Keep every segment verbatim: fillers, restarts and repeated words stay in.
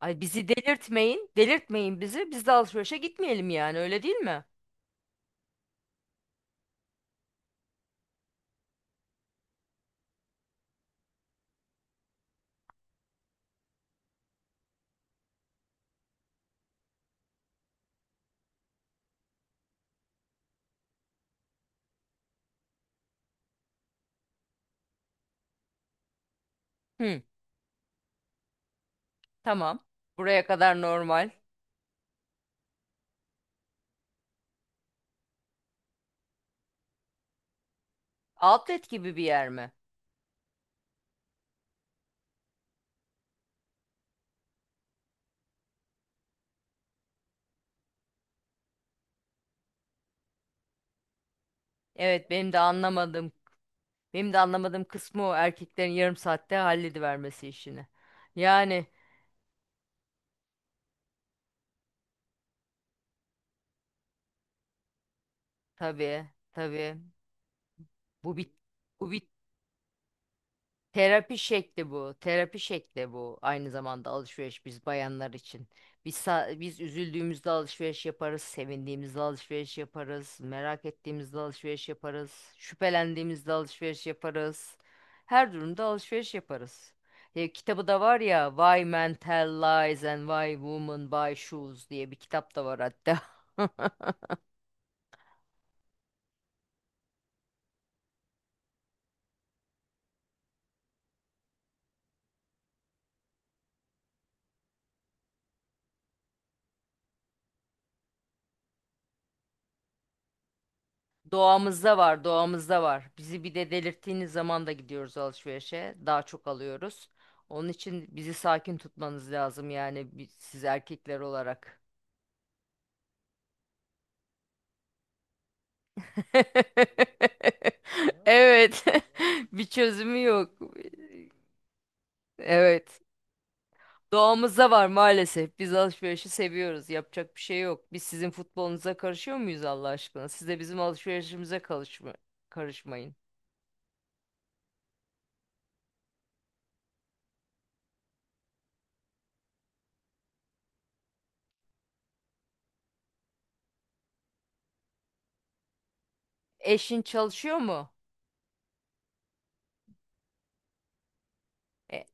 Ay bizi delirtmeyin, delirtmeyin bizi. Biz de alışverişe gitmeyelim yani, öyle değil mi? Hı, tamam. Buraya kadar normal. Outlet gibi bir yer mi? Evet, benim de anlamadığım, benim de anlamadığım kısmı o erkeklerin yarım saatte halledivermesi işini. Yani tabii, tabii. Bu bir bu bir Terapi şekli bu. Terapi şekli bu. Aynı zamanda alışveriş biz bayanlar için. Biz sa- biz üzüldüğümüzde alışveriş yaparız, sevindiğimizde alışveriş yaparız, merak ettiğimizde alışveriş yaparız, şüphelendiğimizde alışveriş yaparız. Her durumda alışveriş yaparız. E, kitabı da var ya Why Men Tell Lies and Why Women Buy Shoes diye bir kitap da var hatta. Doğamızda var, doğamızda var. Bizi bir de delirttiğiniz zaman da gidiyoruz alışverişe. Daha çok alıyoruz. Onun için bizi sakin tutmanız lazım yani bi- siz erkekler olarak. Evet. Bir çözümü yok. Evet. Doğamızda var maalesef. Biz alışverişi seviyoruz. Yapacak bir şey yok. Biz sizin futbolunuza karışıyor muyuz Allah aşkına? Siz de bizim alışverişimize karışma- karışmayın. Eşin çalışıyor mu? E,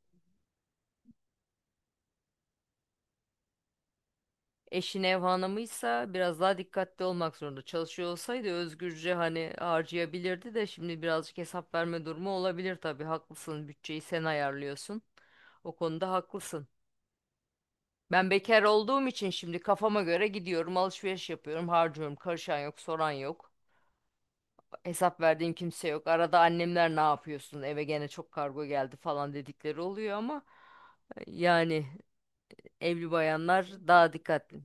Eşin ev hanımıysa biraz daha dikkatli olmak zorunda. Çalışıyor olsaydı özgürce hani harcayabilirdi de şimdi birazcık hesap verme durumu olabilir tabii. Haklısın. Bütçeyi sen ayarlıyorsun. O konuda haklısın. Ben bekar olduğum için şimdi kafama göre gidiyorum, alışveriş yapıyorum, harcıyorum. Karışan yok, soran yok. Hesap verdiğim kimse yok. Arada annemler ne yapıyorsun? Eve gene çok kargo geldi falan dedikleri oluyor ama e, yani evli bayanlar daha dikkatli.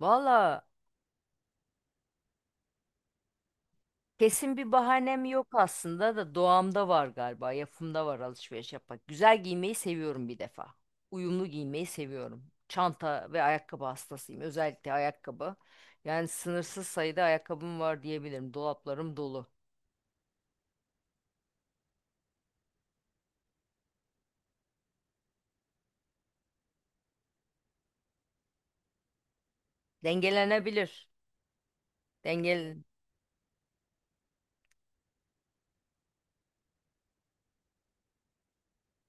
Valla, kesin bir bahanem yok aslında da doğamda var galiba. Yapımda var alışveriş yapmak. Güzel giymeyi seviyorum bir defa. Uyumlu giymeyi seviyorum. Çanta ve ayakkabı hastasıyım. Özellikle ayakkabı. Yani sınırsız sayıda ayakkabım var diyebilirim. Dolaplarım dolu. Dengelenebilir. dengel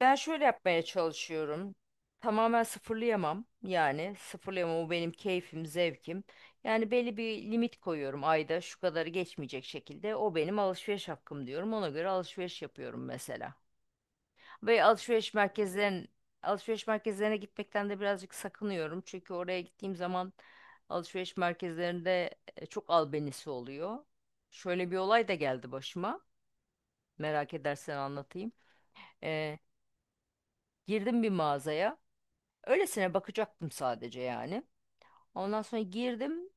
Ben şöyle yapmaya çalışıyorum. Tamamen sıfırlayamam. Yani sıfırlayamam, o benim keyfim, zevkim. Yani belli bir limit koyuyorum, ayda şu kadarı geçmeyecek şekilde. O benim alışveriş hakkım diyorum. Ona göre alışveriş yapıyorum mesela. Ve alışveriş merkezlerin alışveriş merkezlerine gitmekten de birazcık sakınıyorum. Çünkü oraya gittiğim zaman alışveriş merkezlerinde e, çok albenisi oluyor. Şöyle bir olay da geldi başıma. Merak edersen anlatayım. E, girdim bir mağazaya. Öylesine bakacaktım sadece yani. Ondan sonra girdim,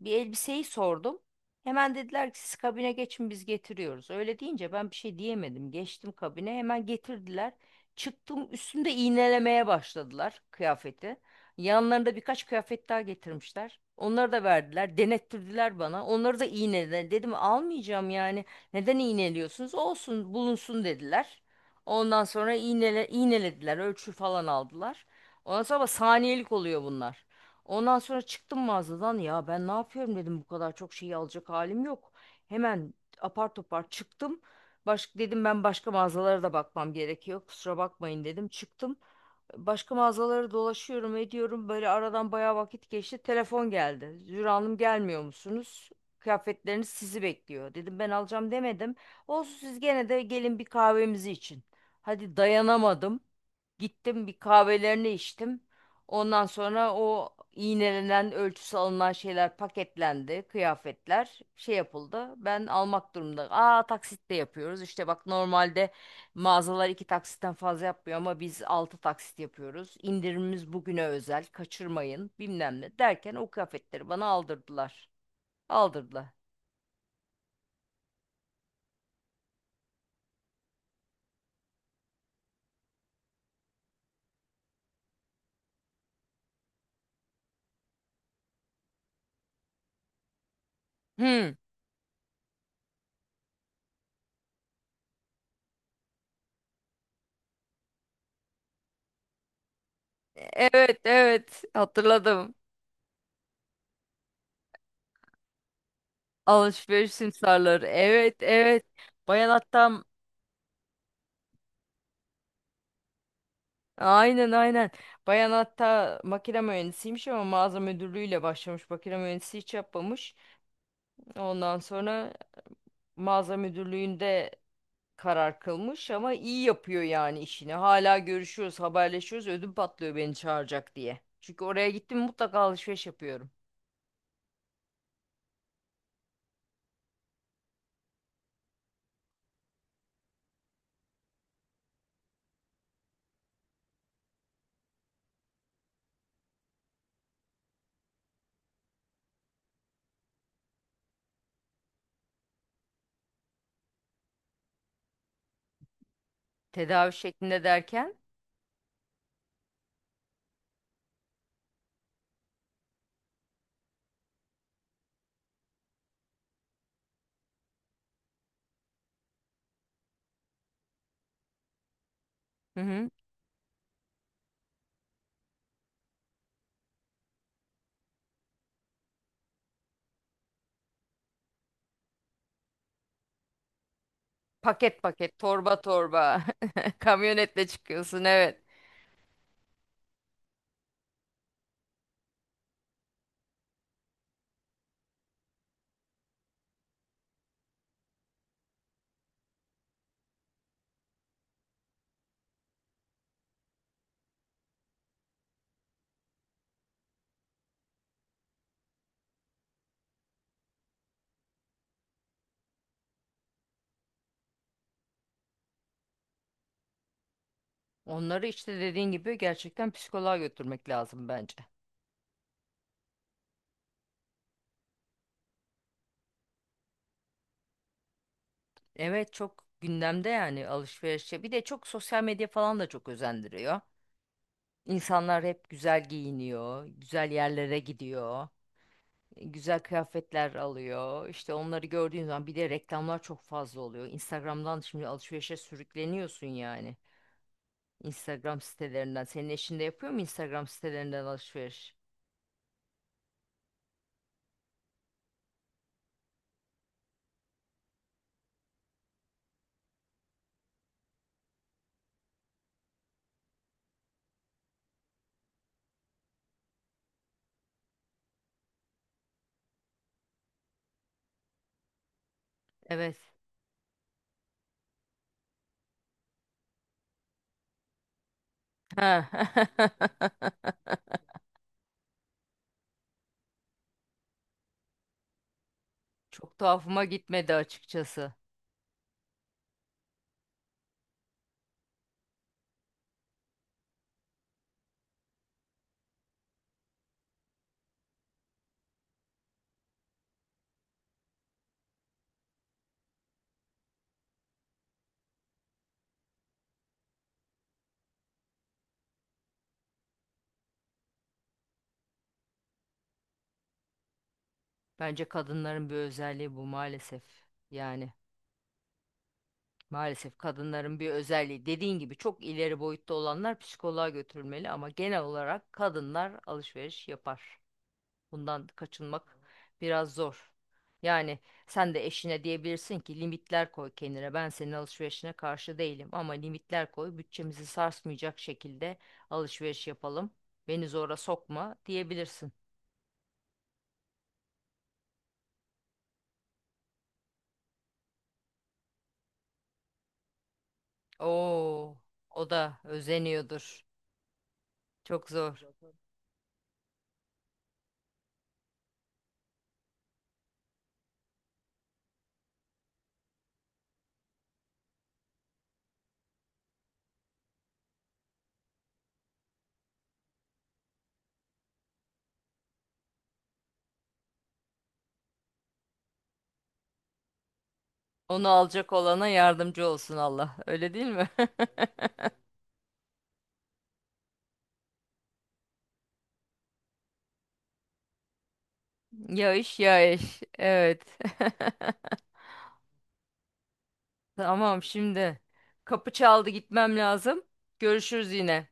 bir elbiseyi sordum. Hemen dediler ki siz kabine geçin, biz getiriyoruz. Öyle deyince ben bir şey diyemedim. Geçtim kabine, hemen getirdiler. Çıktım, üstümde iğnelemeye başladılar kıyafeti. Yanlarında birkaç kıyafet daha getirmişler. Onları da verdiler, denettirdiler bana. Onları da iğnelediler. Dedim almayacağım yani. Neden iğneliyorsunuz? Olsun, bulunsun dediler. Ondan sonra iğnele, iğnelediler, ölçü falan aldılar. Ondan sonra ama saniyelik oluyor bunlar. Ondan sonra çıktım mağazadan, ya ben ne yapıyorum dedim, bu kadar çok şeyi alacak halim yok. Hemen apar topar çıktım. Baş, dedim ben başka mağazalara da bakmam gerekiyor. Kusura bakmayın dedim. Çıktım. Başka mağazaları dolaşıyorum, ediyorum. Böyle aradan bayağı vakit geçti. Telefon geldi. Zühre Hanım gelmiyor musunuz? Kıyafetleriniz sizi bekliyor. Dedim ben alacağım demedim. Olsun, siz gene de gelin, bir kahvemizi için. Hadi dayanamadım. Gittim, bir kahvelerini içtim. Ondan sonra o iğnelenen, ölçüsü alınan şeyler paketlendi. Kıyafetler şey yapıldı. Ben almak durumunda. Aa, taksitle yapıyoruz. İşte bak, normalde mağazalar iki taksitten fazla yapmıyor ama biz altı taksit yapıyoruz. İndirimimiz bugüne özel, kaçırmayın bilmem ne derken o kıyafetleri bana aldırdılar. Aldırdılar. Hı. Evet, evet, hatırladım. Alışveriş simsarları. Evet, evet. Bayan hatta Aynen, aynen. Bayan hatta makine mühendisiymiş ama mağaza müdürlüğüyle başlamış. Makine mühendisi hiç yapmamış. Ondan sonra mağaza müdürlüğünde karar kılmış ama iyi yapıyor yani işini. Hala görüşüyoruz, haberleşiyoruz. Ödüm patlıyor beni çağıracak diye. Çünkü oraya gittim mutlaka alışveriş yapıyorum. Tedavi şeklinde derken, hı hı. Paket paket, torba torba, kamyonetle çıkıyorsun, evet. Onları işte dediğin gibi gerçekten psikoloğa götürmek lazım bence. Evet, çok gündemde yani alışverişe. Bir de çok sosyal medya falan da çok özendiriyor. İnsanlar hep güzel giyiniyor, güzel yerlere gidiyor, güzel kıyafetler alıyor. İşte onları gördüğün zaman bir de reklamlar çok fazla oluyor. Instagram'dan şimdi alışverişe sürükleniyorsun yani. Instagram sitelerinden. Senin eşin de yapıyor mu Instagram sitelerinden alışveriş? Evet. Ha. Çok tuhafıma gitmedi açıkçası. Bence kadınların bir özelliği bu maalesef. Yani maalesef kadınların bir özelliği. Dediğin gibi çok ileri boyutta olanlar psikoloğa götürülmeli ama genel olarak kadınlar alışveriş yapar. Bundan kaçınmak biraz zor. Yani sen de eşine diyebilirsin ki limitler koy kendine. Ben senin alışverişine karşı değilim ama limitler koy. Bütçemizi sarsmayacak şekilde alışveriş yapalım. Beni zora sokma diyebilirsin. Oo, o da özeniyordur. Çok zor. Onu alacak olana yardımcı olsun Allah. Öyle değil mi? Ya iş ya iş. Evet. Tamam şimdi. Kapı çaldı, gitmem lazım. Görüşürüz yine.